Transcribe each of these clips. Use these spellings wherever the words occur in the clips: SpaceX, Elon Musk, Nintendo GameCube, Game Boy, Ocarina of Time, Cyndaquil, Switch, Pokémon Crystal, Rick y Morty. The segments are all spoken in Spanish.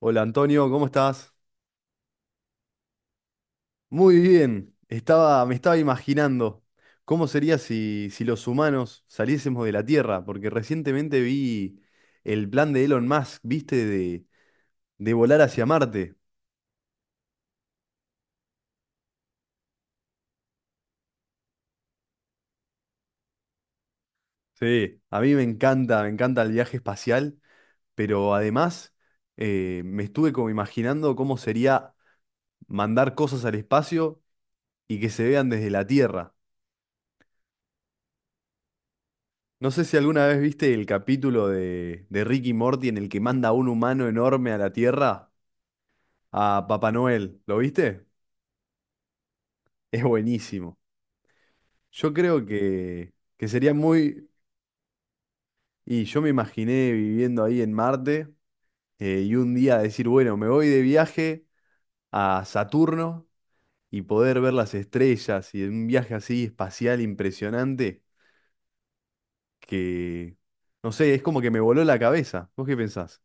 Hola Antonio, ¿cómo estás? Muy bien, me estaba imaginando cómo sería si los humanos saliésemos de la Tierra, porque recientemente vi el plan de Elon Musk, ¿viste? De volar hacia Marte. Sí, a mí me encanta el viaje espacial, pero además me estuve como imaginando cómo sería mandar cosas al espacio y que se vean desde la Tierra. No sé si alguna vez viste el capítulo de Rick y Morty en el que manda un humano enorme a la Tierra, a Papá Noel. ¿Lo viste? Es buenísimo. Yo creo que sería muy... Y yo me imaginé viviendo ahí en Marte, y un día decir, bueno, me voy de viaje a Saturno y poder ver las estrellas y un viaje así espacial impresionante que, no sé, es como que me voló la cabeza. ¿Vos qué pensás?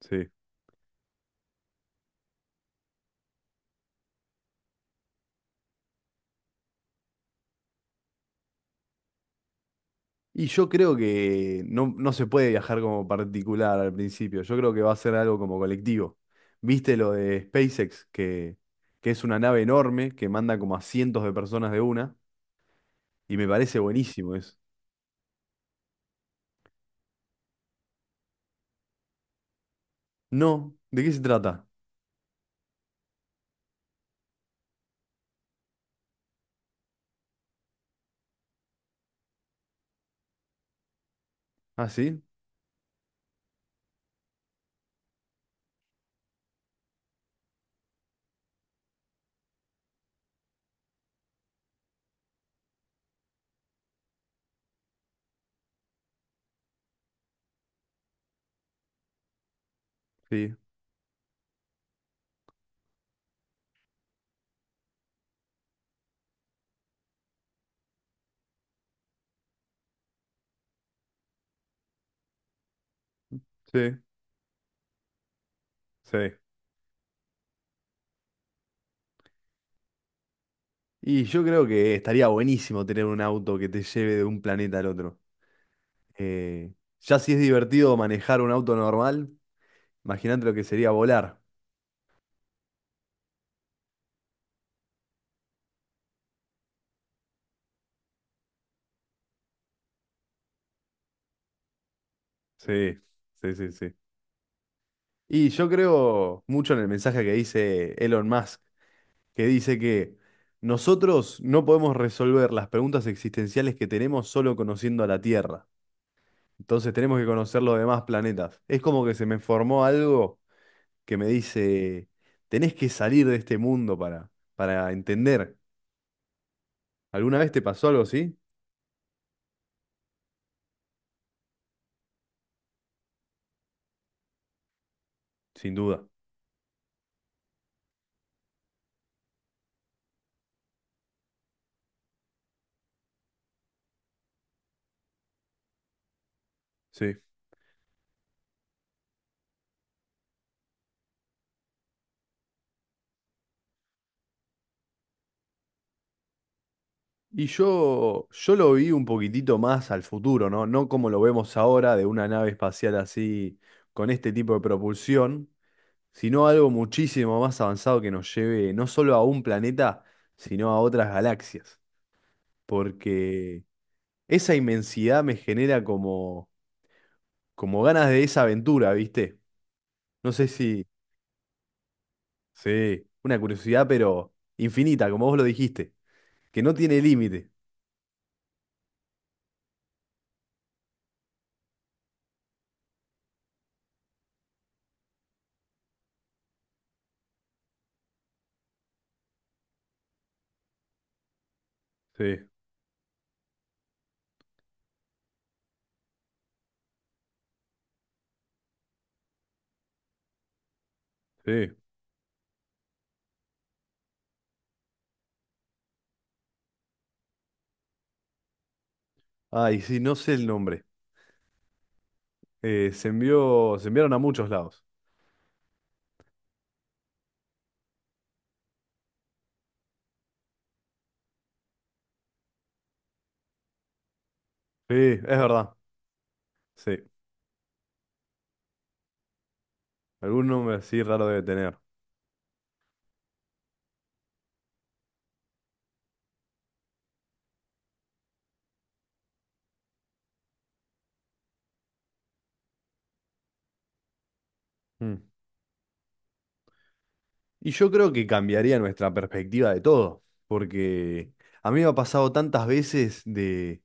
Sí. Y yo creo que no se puede viajar como particular al principio. Yo creo que va a ser algo como colectivo. ¿Viste lo de SpaceX, que es una nave enorme que manda como a cientos de personas de una? Y me parece buenísimo eso. No, ¿de qué se trata? ¿Ah, sí? Sí, sí, sí. Y yo creo que estaría buenísimo tener un auto que te lleve de un planeta al otro. Eh, ya si es divertido manejar un auto normal, imagínate lo que sería volar. Sí, sí, sí, sí. Y yo creo mucho en el mensaje que dice Elon Musk, que dice que nosotros no podemos resolver las preguntas existenciales que tenemos solo conociendo a la Tierra. Entonces tenemos que conocer los demás planetas. Es como que se me formó algo que me dice, tenés que salir de este mundo para entender. ¿Alguna vez te pasó algo así? Sin duda. Sí. Y yo lo vi un poquitito más al futuro, ¿no? No como lo vemos ahora de una nave espacial así con este tipo de propulsión, sino algo muchísimo más avanzado que nos lleve no solo a un planeta, sino a otras galaxias. Porque esa inmensidad me genera como, como ganas de esa aventura, ¿viste? No sé si, sí, una curiosidad, pero infinita, como vos lo dijiste, que no tiene límite. Sí, sí. Ay, sí, no sé el nombre. Se enviaron a muchos lados. Sí, es verdad. Sí. Algún nombre así raro debe tener. Mm. Y yo creo que cambiaría nuestra perspectiva de todo, porque a mí me ha pasado tantas veces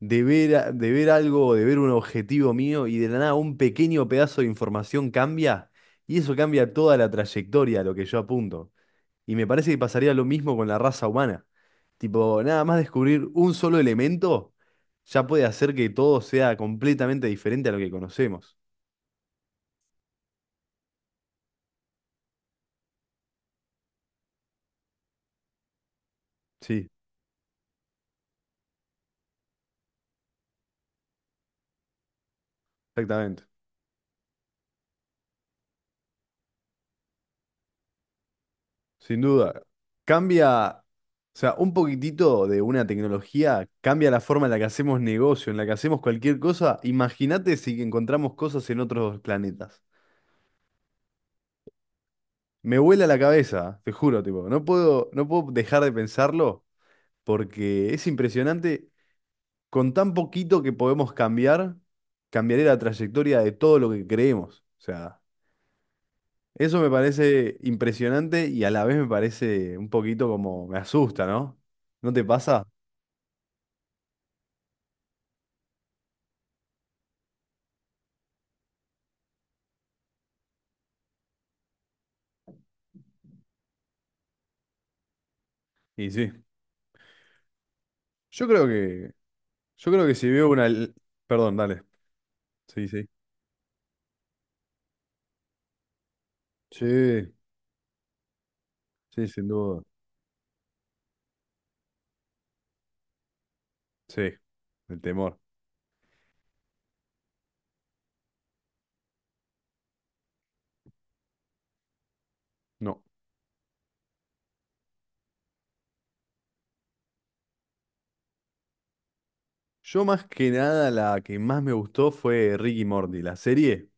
de ver algo, de ver un objetivo mío y de la nada un pequeño pedazo de información cambia y eso cambia toda la trayectoria a lo que yo apunto. Y me parece que pasaría lo mismo con la raza humana. Tipo, nada más descubrir un solo elemento ya puede hacer que todo sea completamente diferente a lo que conocemos. Sí, exactamente. Sin duda. Cambia, o sea, un poquitito de una tecnología cambia la forma en la que hacemos negocio, en la que hacemos cualquier cosa. Imagínate si encontramos cosas en otros planetas. Me vuela la cabeza, te juro, tipo, no puedo dejar de pensarlo, porque es impresionante. Con tan poquito que podemos cambiar, cambiaré la trayectoria de todo lo que creemos. O sea, eso me parece impresionante y a la vez me parece un poquito como me asusta, ¿no? ¿No te pasa? Y sí. Yo creo que, yo creo que si veo una... l- Perdón, dale. Sí, sí. Sí, sí, sin duda. Sí, el temor. No. Yo más que nada la que más me gustó fue Ricky Morty, la serie.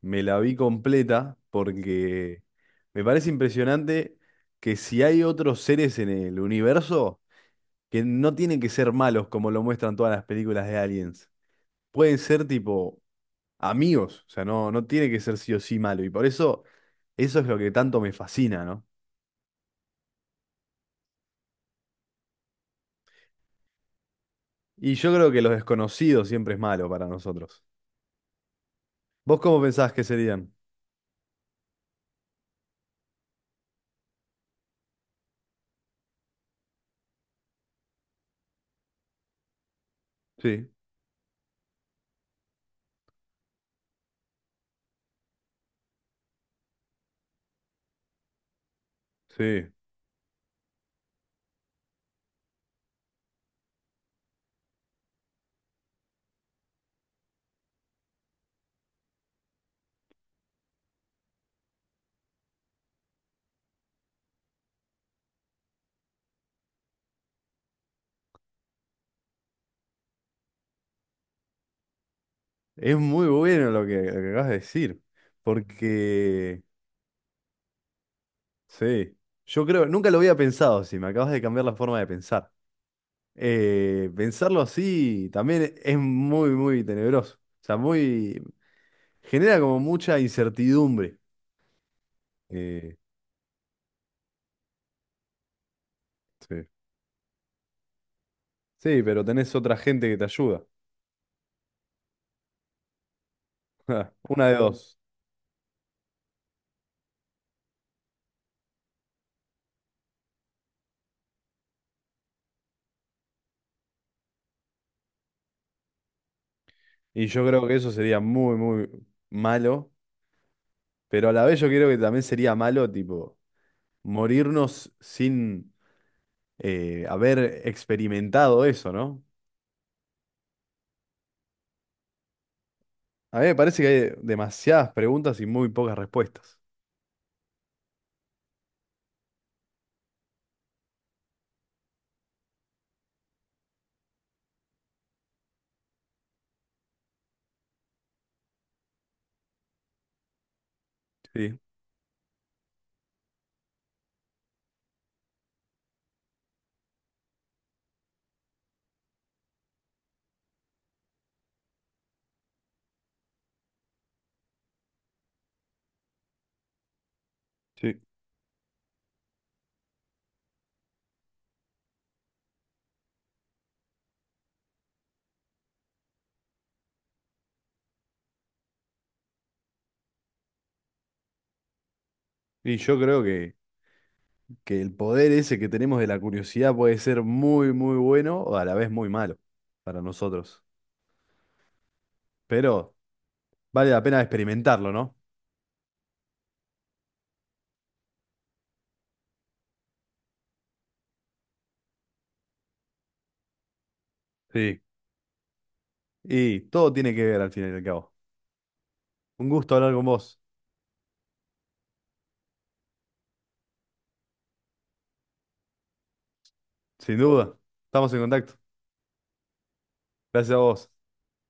Me la vi completa porque me parece impresionante que si hay otros seres en el universo que no tienen que ser malos como lo muestran todas las películas de aliens. Pueden ser tipo amigos, o sea, no tiene que ser sí o sí malo. Y por eso eso es lo que tanto me fascina, ¿no? Y yo creo que los desconocidos siempre es malo para nosotros. ¿Vos cómo pensás que serían? Sí, sí. Es muy bueno lo que acabas de decir, porque... Sí, yo creo, nunca lo había pensado, si me acabas de cambiar la forma de pensar. Pensarlo así también es muy tenebroso. O sea, muy, genera como mucha incertidumbre. Eh, sí. Sí, pero tenés otra gente que te ayuda. Una de dos. Y yo creo que eso sería muy malo, pero a la vez yo creo que también sería malo, tipo, morirnos sin haber experimentado eso, ¿no? A mí me parece que hay demasiadas preguntas y muy pocas respuestas. Sí, sí. Y yo creo que el poder ese que tenemos de la curiosidad puede ser muy, muy bueno o a la vez muy malo para nosotros. Pero vale la pena experimentarlo, ¿no? Sí. Y todo tiene que ver al final y al cabo. Un gusto hablar con vos, sin duda. Estamos en contacto. Gracias a vos.